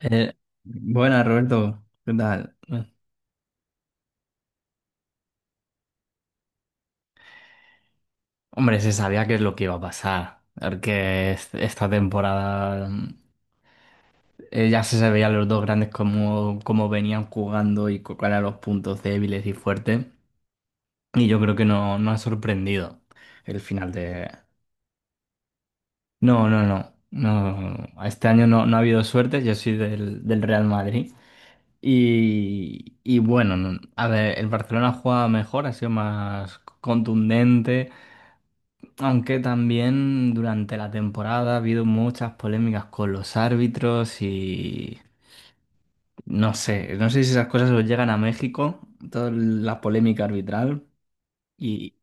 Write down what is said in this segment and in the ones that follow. Eh, Buenas, Roberto. ¿Qué tal? Hombre, se sabía qué es lo que iba a pasar. Porque esta temporada ya se veían los dos grandes cómo, cómo venían jugando y cuáles eran los puntos débiles y fuertes. Y yo creo que no ha sorprendido el final de... No, no, no. No, este año no ha habido suerte. Yo soy del Real Madrid. Y bueno, a ver, el Barcelona juega mejor, ha sido más contundente, aunque también durante la temporada ha habido muchas polémicas con los árbitros y no sé, no sé si esas cosas os llegan a México, toda la polémica arbitral y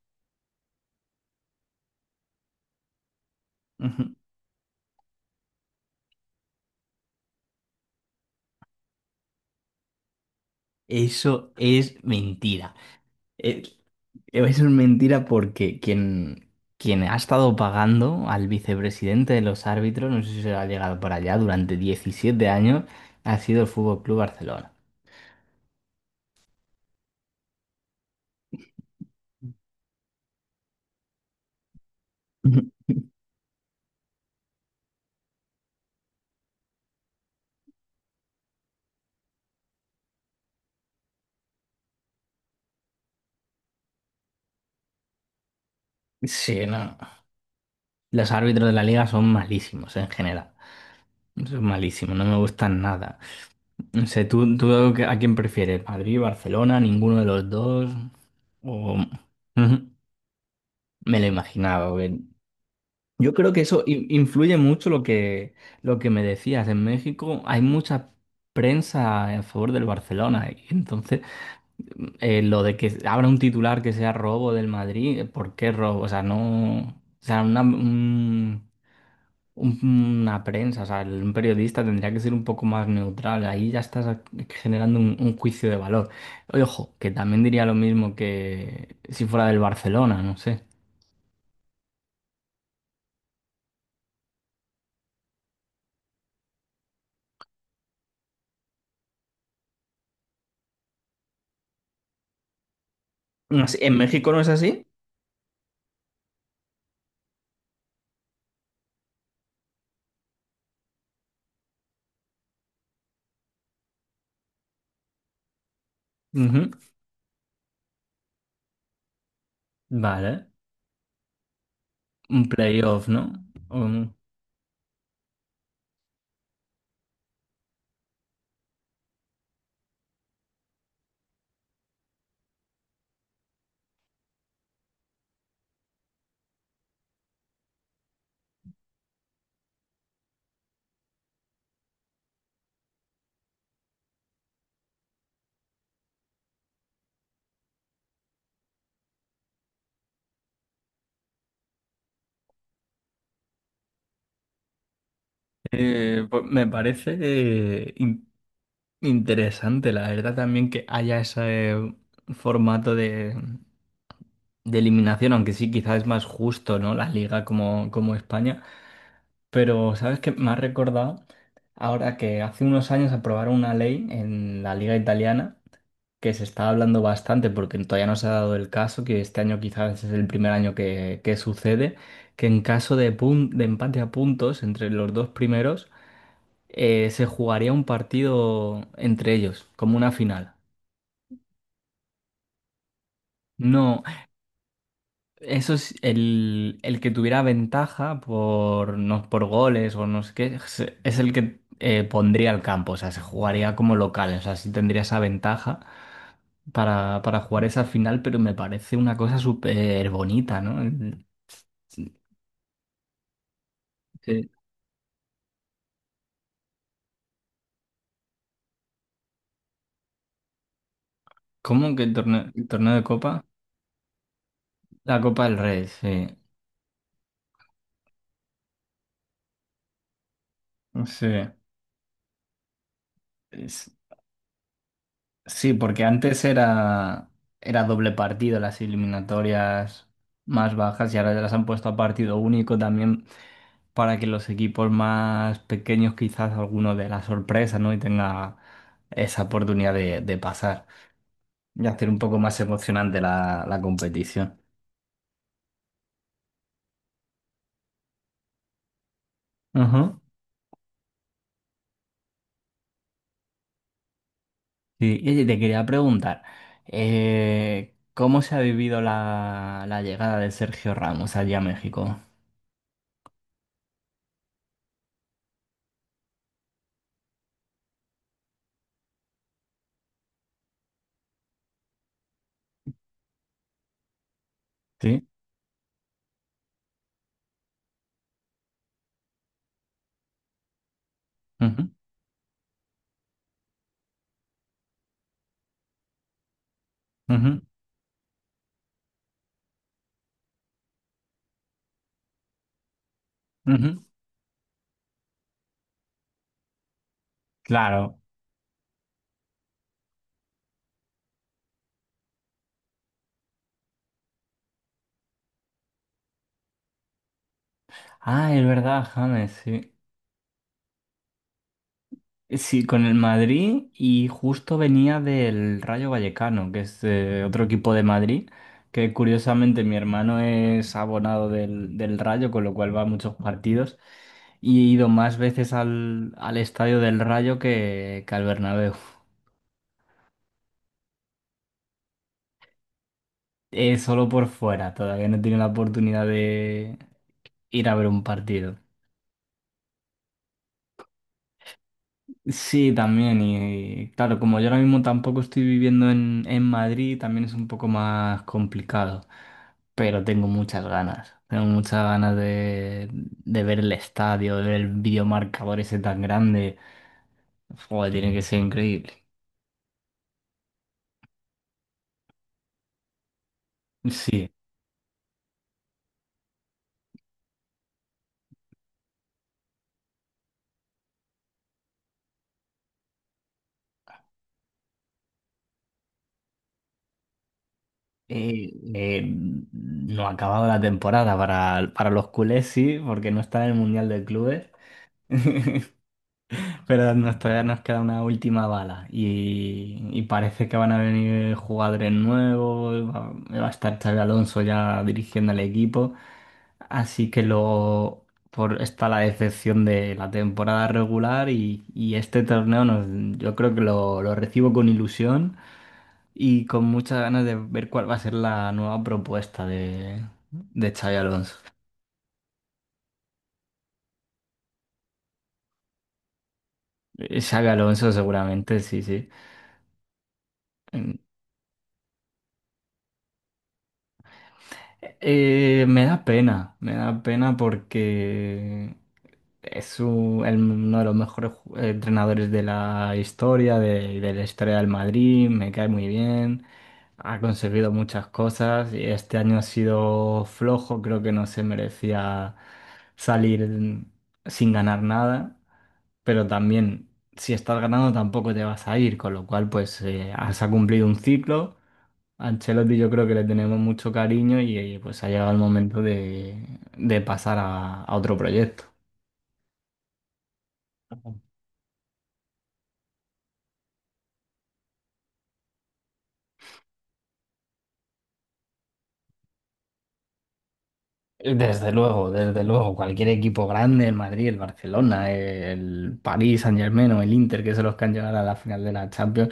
eso es mentira. Es, es una mentira porque quien ha estado pagando al vicepresidente de los árbitros, no sé si se ha llegado por allá, durante 17 años, ha sido el Fútbol Club Barcelona. Sí, no. Los árbitros de la liga son malísimos en general. Son malísimos, no me gustan nada. No sé, tú a quién prefieres? ¿Madrid, Barcelona, ninguno de los dos? O... Ujú. Me lo imaginaba, porque yo creo que eso influye mucho lo que me decías. En México hay mucha prensa a favor del Barcelona, y entonces, lo de que abra un titular que sea robo del Madrid, ¿por qué robo? O sea, no. O sea, una prensa, o sea, un periodista tendría que ser un poco más neutral. Ahí ya estás generando un juicio de valor. Ojo, que también diría lo mismo que si fuera del Barcelona, no sé. No sé, ¿en México no es así? Ujú. Vale. Un playoff, ¿no? Un- pues me parece interesante, la verdad, también que haya ese formato de eliminación, aunque sí, quizás es más justo, ¿no? La liga como, como España. Pero, ¿sabes qué? Me ha recordado ahora que hace unos años aprobaron una ley en la liga italiana, que se está hablando bastante, porque todavía no se ha dado el caso, que este año quizás es el primer año que sucede, que en caso de empate a puntos entre los dos primeros, se jugaría un partido entre ellos, como una final. No, eso es el que tuviera ventaja por, no, por goles o no sé qué, es el que pondría al campo, o sea, se jugaría como local, o sea, sí tendría esa ventaja para jugar esa final, pero me parece una cosa súper bonita, ¿no? Sí, sí. ¿Cómo que el torneo de Copa? La Copa del Rey, sí. Sí, Es- sí, porque antes era doble partido las eliminatorias más bajas y ahora ya las han puesto a partido único también, para que los equipos más pequeños quizás alguno de la sorpresa, ¿no? Y tenga esa oportunidad de pasar y hacer un poco más emocionante la competición. Ajá. Sí, y oye, te quería preguntar, ¿cómo se ha vivido la llegada de Sergio Ramos allí a México? Sí. Ujú, ujú, ujú. Claro. Ah, es verdad, James, sí. Sí, con el Madrid y justo venía del Rayo Vallecano, que es otro equipo de Madrid, que curiosamente mi hermano es abonado del Rayo, con lo cual va a muchos partidos y he ido más veces al estadio del Rayo que al Bernabéu. Solo por fuera, todavía no tiene la oportunidad de ir a ver un partido. Sí, también. Y claro, como yo ahora mismo tampoco estoy viviendo en Madrid, también es un poco más complicado. Pero tengo muchas ganas. Tengo muchas ganas de ver el estadio, de ver el videomarcador ese tan grande. Joder, tiene que ser increíble. Sí. Eh, eh, no ha acabado la temporada para los culés, sí, porque no está en el Mundial de Clubes. Pero nos, todavía nos queda una última bala y parece que van a venir jugadores nuevos, va a estar Xabi Alonso ya dirigiendo el equipo, así que luego por, está la decepción de la temporada regular y este torneo yo creo que lo recibo con ilusión y con muchas ganas de ver cuál va a ser la nueva propuesta de Xabi Alonso. Xabi Alonso seguramente, sí, sí. Me da pena porque uno de los mejores entrenadores de la historia del Madrid, me cae muy bien, ha conseguido muchas cosas y este año ha sido flojo, creo que no se merecía salir sin ganar nada, pero también si estás ganando tampoco te vas a ir, con lo cual pues has ha cumplido un ciclo. A Ancelotti yo creo que le tenemos mucho cariño y pues ha llegado el momento de pasar a otro proyecto. Desde luego, cualquier equipo grande, el Madrid, el Barcelona, el París Saint-Germain o el Inter, que son los que han llegado a la final de la Champions,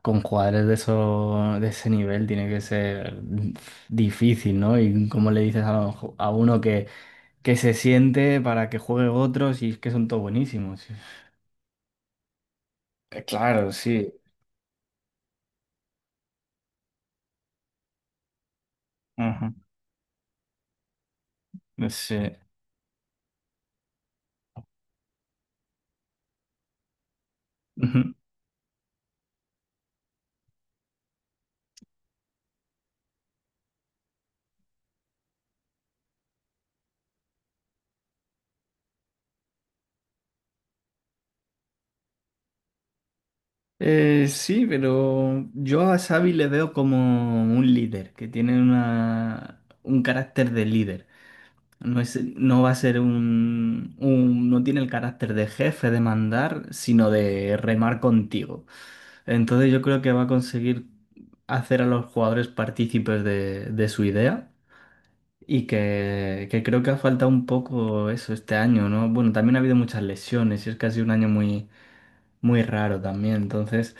con jugadores de eso, de ese nivel tiene que ser difícil, ¿no? Y como le dices a, a uno que se siente para que juegue otros y es que son todos buenísimos. Claro, sí. Ajá. Sí. Sí, pero yo a Xavi le veo como un líder, que tiene un carácter de líder. No es, no va a ser no tiene el carácter de jefe, de mandar, sino de remar contigo. Entonces yo creo que va a conseguir hacer a los jugadores partícipes de su idea que creo que ha faltado un poco eso este año, ¿no? Bueno, también ha habido muchas lesiones y es que ha sido un año muy, muy raro también, entonces...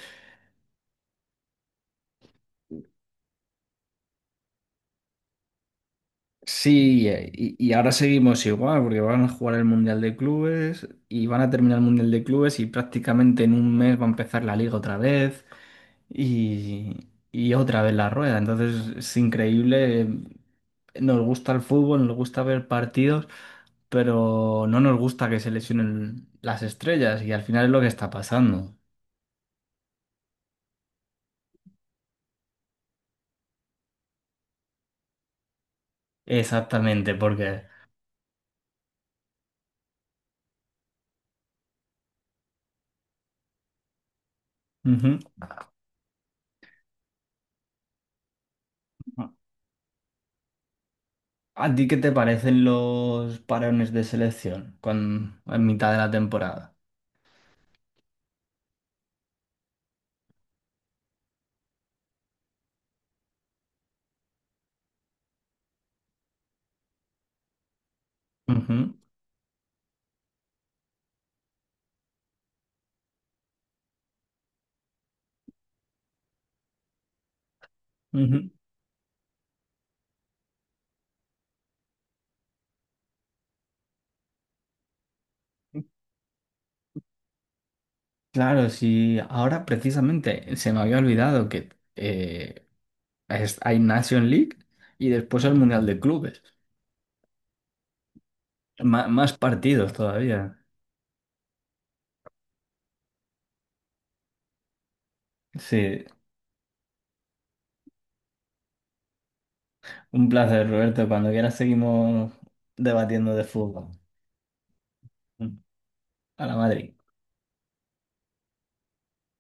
Sí, y ahora seguimos igual, porque van a jugar el Mundial de Clubes y van a terminar el Mundial de Clubes y prácticamente en un mes va a empezar la liga otra vez y otra vez la rueda. Entonces es increíble. Nos gusta el fútbol, nos gusta ver partidos, pero no nos gusta que se lesionen las estrellas y al final es lo que está pasando. Exactamente, porque... Ujú. ¿A ti qué te parecen los parones de selección en mitad de la temporada? Ujú, ujú. Claro, sí. Ahora precisamente se me había olvidado que eh, hay Nation League y después el Mundial de Clubes. Más partidos todavía. Sí, un placer, Roberto. Cuando quieras seguimos debatiendo de fútbol. A la Madrid.